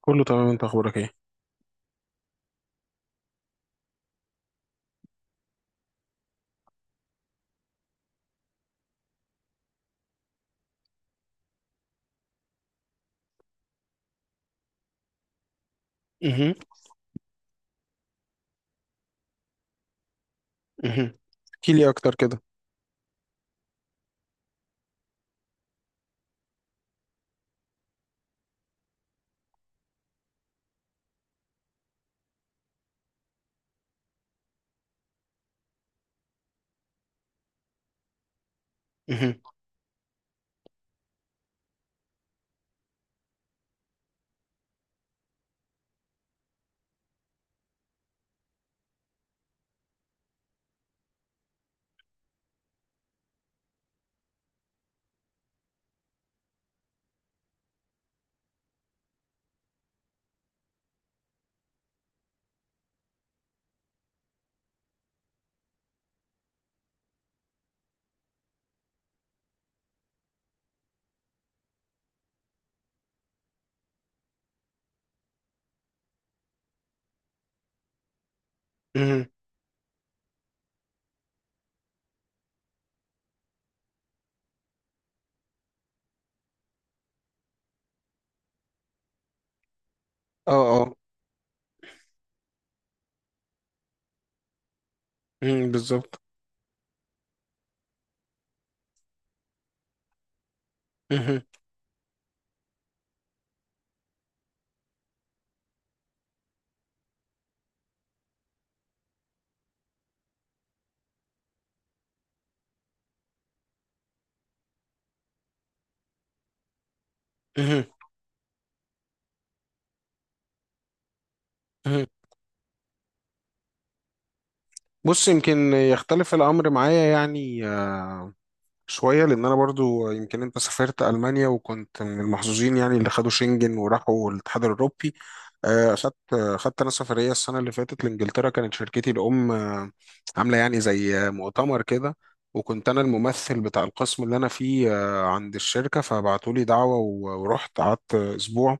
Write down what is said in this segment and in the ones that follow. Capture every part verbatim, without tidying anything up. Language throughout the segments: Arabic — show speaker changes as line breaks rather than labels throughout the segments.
كله تمام، انت اخبارك ايه؟ مهم. مهم. احكي لي اكتر كده. مهم. مهم. اه اه. مم، بالظبط. مهم. مهم. مهم. بص، يمكن يختلف الامر معايا يعني آه، شوية. لأن أنا برضو، يمكن أنت سافرت ألمانيا وكنت من المحظوظين يعني اللي خدوا شنجن وراحوا الاتحاد الأوروبي. آه، أخدت أخدت أنا سفرية السنة اللي فاتت لإنجلترا. كانت شركتي الأم آه، عاملة يعني زي آه، مؤتمر كده، وكنت أنا الممثل بتاع القسم اللي أنا فيه آه، عند الشركة، فبعتولي دعوة و- ورحت قعدت أسبوع.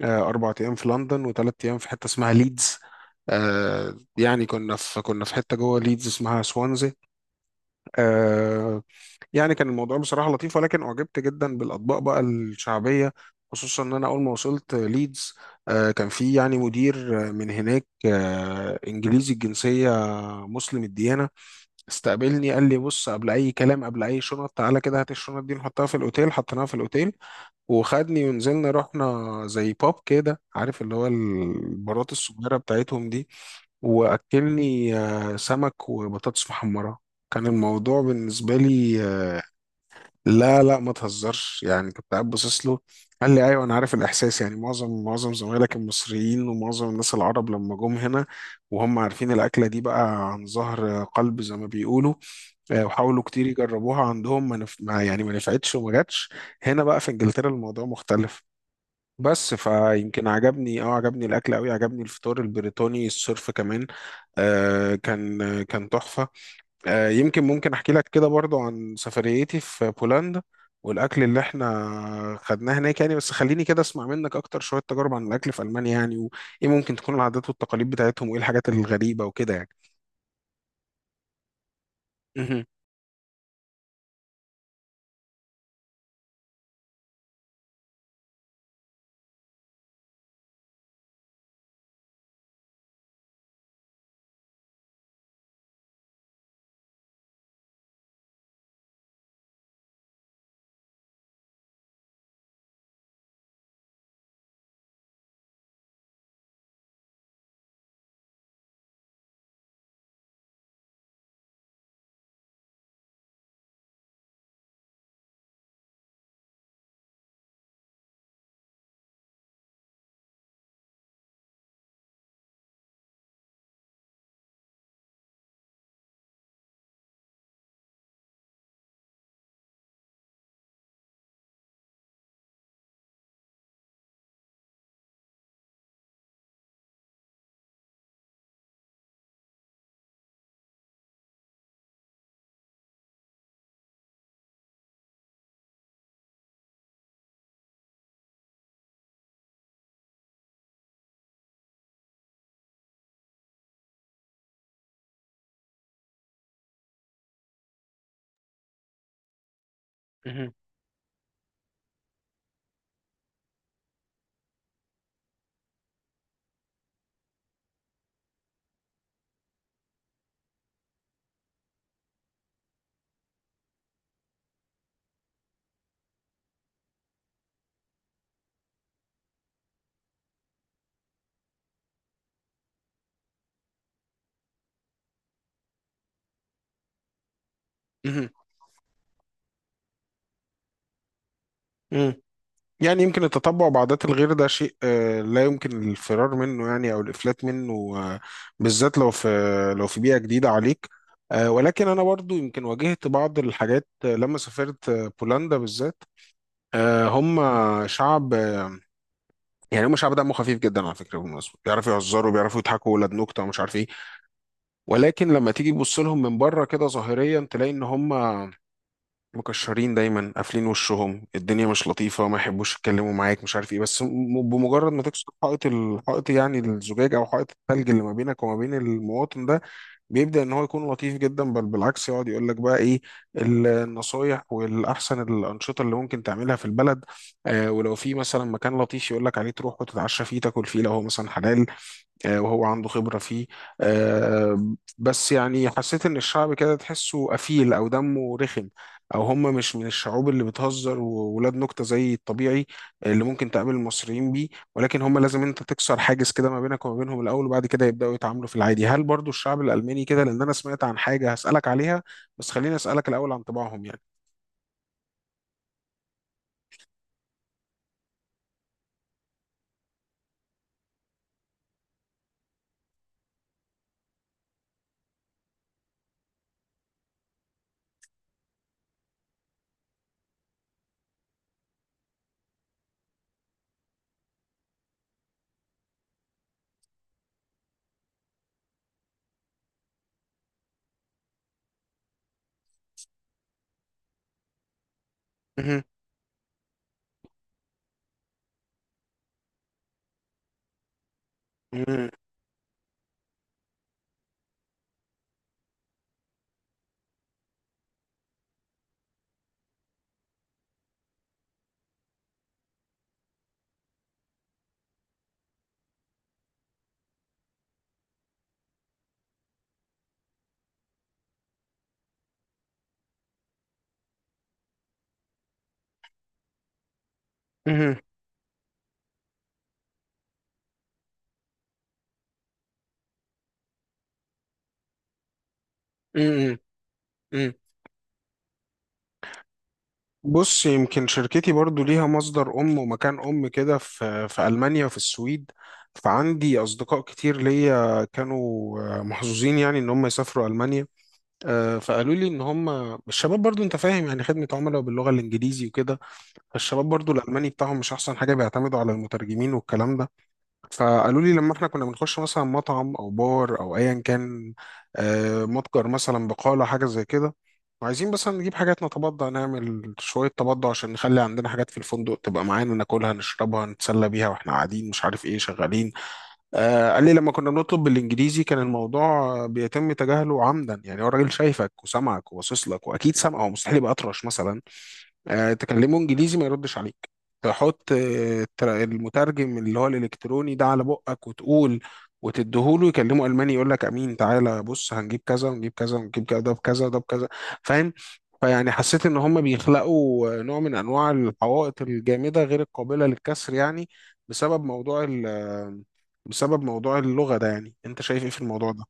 آه، أربع أيام في لندن وثلاث أيام في حتة اسمها ليدز. آه، يعني كنا في كنا في حتة جوه ليدز اسمها سوانزي. آه، يعني كان الموضوع بصراحة لطيف، ولكن أعجبت جدا بالأطباق بقى الشعبية. خصوصا إن أنا أول ما وصلت ليدز آه، كان في يعني مدير آه، من هناك، آه، إنجليزي الجنسية، مسلم الديانة. استقبلني قال لي: بص، قبل أي كلام، قبل أي شنط، تعالى كده هات الشنط دي نحطها في الأوتيل. حطيناها في الأوتيل وخدني ونزلنا، رحنا زي باب كده، عارف اللي هو البارات الصغيرة بتاعتهم دي. وأكلني آه، سمك وبطاطس محمرة. كان الموضوع بالنسبة لي، لا لا ما تهزرش، يعني كنت قاعد باصص له. قال لي: ايوه انا عارف الاحساس، يعني معظم معظم زمايلك المصريين ومعظم الناس العرب لما جم هنا، وهم عارفين الاكله دي بقى عن ظهر قلب زي ما بيقولوا، آه، وحاولوا كتير يجربوها عندهم ما نف... ما يعني ما نفعتش وما جاتش. هنا بقى في انجلترا الموضوع مختلف. بس فيمكن عجبني، اه عجبني الاكل قوي، عجبني الفطار البريطاني الصرف كمان. آه، كان كان تحفه. آه، يمكن ممكن احكي لك كده برضو عن سفريتي في بولندا والاكل اللي احنا خدناه هناك يعني. بس خليني كده اسمع منك اكتر شوية تجارب عن الاكل في المانيا يعني، وايه ممكن تكون العادات والتقاليد بتاعتهم، وايه الحاجات الغريبة وكده يعني. مهم. مهم. مهم. مهم. يعني يمكن التطبع بعادات الغير ده شيء آه، لا يمكن الفرار منه يعني او الافلات منه. آه، بالذات لو في، لو في بيئة جديدة عليك. آه، ولكن انا برضو يمكن واجهت بعض الحاجات آه، لما سافرت آه، بولندا بالذات. آه، هم شعب، آه، يعني هم شعب دمه خفيف جدا على فكره بالمناسبه، بيعرفوا يهزروا بيعرفوا يضحكوا، ولاد نكته ومش عارف ايه. ولكن لما تيجي تبص لهم من بره كده ظاهريا تلاقي ان هم مكشرين دايما، قافلين وشهم، الدنيا مش لطيفه، ما يحبوش يتكلموا معاك، مش عارف ايه. بس م- بمجرد ما تكسر حائط الحائط يعني الزجاج او حائط الثلج اللي ما بينك وما بين المواطن ده، بيبدأ ان هو يكون لطيف جدا. بل بالعكس يقعد يقول لك بقى ايه النصايح والاحسن الانشطه اللي ممكن تعملها في البلد. آه، ولو في مثلا مكان لطيف يقول لك عليه تروح وتتعشى فيه تاكل فيه لو هو مثلا حلال، آه، وهو عنده خبرة فيه. آه، بس يعني حسيت إن الشعب كده تحسه قفيل أو دمه رخم، أو هم مش من الشعوب اللي بتهزر وولاد نكتة زي الطبيعي اللي ممكن تقابل المصريين بيه. ولكن هم لازم أنت تكسر حاجز كده ما بينك وما بينهم الأول، وبعد كده يبدأوا يتعاملوا في العادي. هل برضو الشعب الألماني كده؟ لأن أنا سمعت عن حاجة هسألك عليها، بس خليني أسألك الأول عن طباعهم يعني. مهم. مهم. مهم. مهم. بص، يمكن شركتي برضو ليها مصدر أم ومكان أم كده في في ألمانيا وفي السويد، فعندي أصدقاء كتير ليا كانوا آه، محظوظين يعني إن هم يسافروا ألمانيا. آه، فقالوا لي إن هم، الشباب برضو أنت فاهم يعني خدمة عملاء باللغة الإنجليزي وكده، فالشباب برضو الألماني بتاعهم مش أحسن حاجة، بيعتمدوا على المترجمين والكلام ده. فقالوا لي لما احنا كنا بنخش مثلا مطعم او بار او ايا كان، آه، متجر مثلا، بقالة، حاجة زي كده، وعايزين مثلا نجيب حاجات نتبضع نعمل شوية تبضع عشان نخلي عندنا حاجات في الفندق تبقى معانا ناكلها نشربها نتسلى بيها واحنا قاعدين مش عارف ايه شغالين. آه قال لي لما كنا بنطلب بالانجليزي كان الموضوع آه، بيتم تجاهله عمدا. يعني هو الراجل شايفك وسامعك وباصص لك واكيد سامعه، هو مستحيل يبقى اطرش مثلا. آه، تكلمه انجليزي ما يردش عليك. تحط آه، التر- المترجم اللي هو الالكتروني ده على بقك وتقول، وتديهوله يكلمه الماني، يقول لك امين تعالى بص هنجيب كذا ونجيب كذا ونجيب كذا ده بكذا ده بكذا، فاهم. فيعني حسيت ان هم بيخلقوا آه، نوع من انواع الحوائط الجامده غير القابله للكسر يعني، بسبب موضوع ال- آه، بسبب موضوع اللغه ده. يعني انت شايف ايه في الموضوع ده؟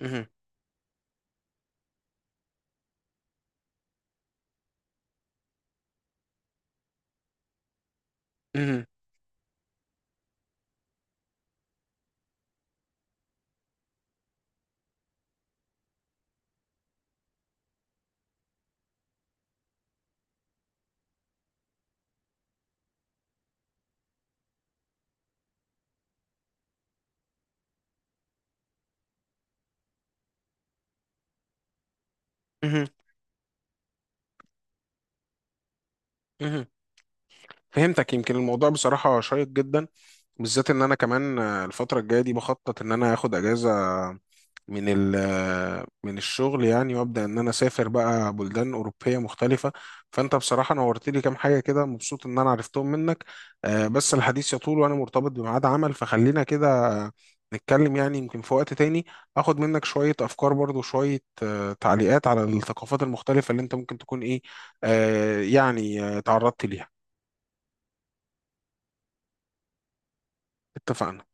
مهم. مهم. مهم. مهم. فهمتك. يمكن الموضوع بصراحة شيق جدا، بالذات ان انا كمان آه، الفتره الجايه دي بخطط ان انا اخد اجازه من ال من الشغل يعني، وابدا ان انا اسافر بقى بلدان اوروبيه مختلفه. فانت بصراحه نورت لي كام حاجه كده، مبسوط ان انا عرفتهم منك. آه، بس الحديث يطول وانا مرتبط بميعاد عمل فخلينا كده. آه، نتكلم يعني يمكن في وقت تاني، اخد منك شويه افكار برضو، شويه آه، تعليقات على الثقافات المختلفه اللي انت ممكن تكون ايه، آه، يعني آه، تعرضت ليها. اتفقنا.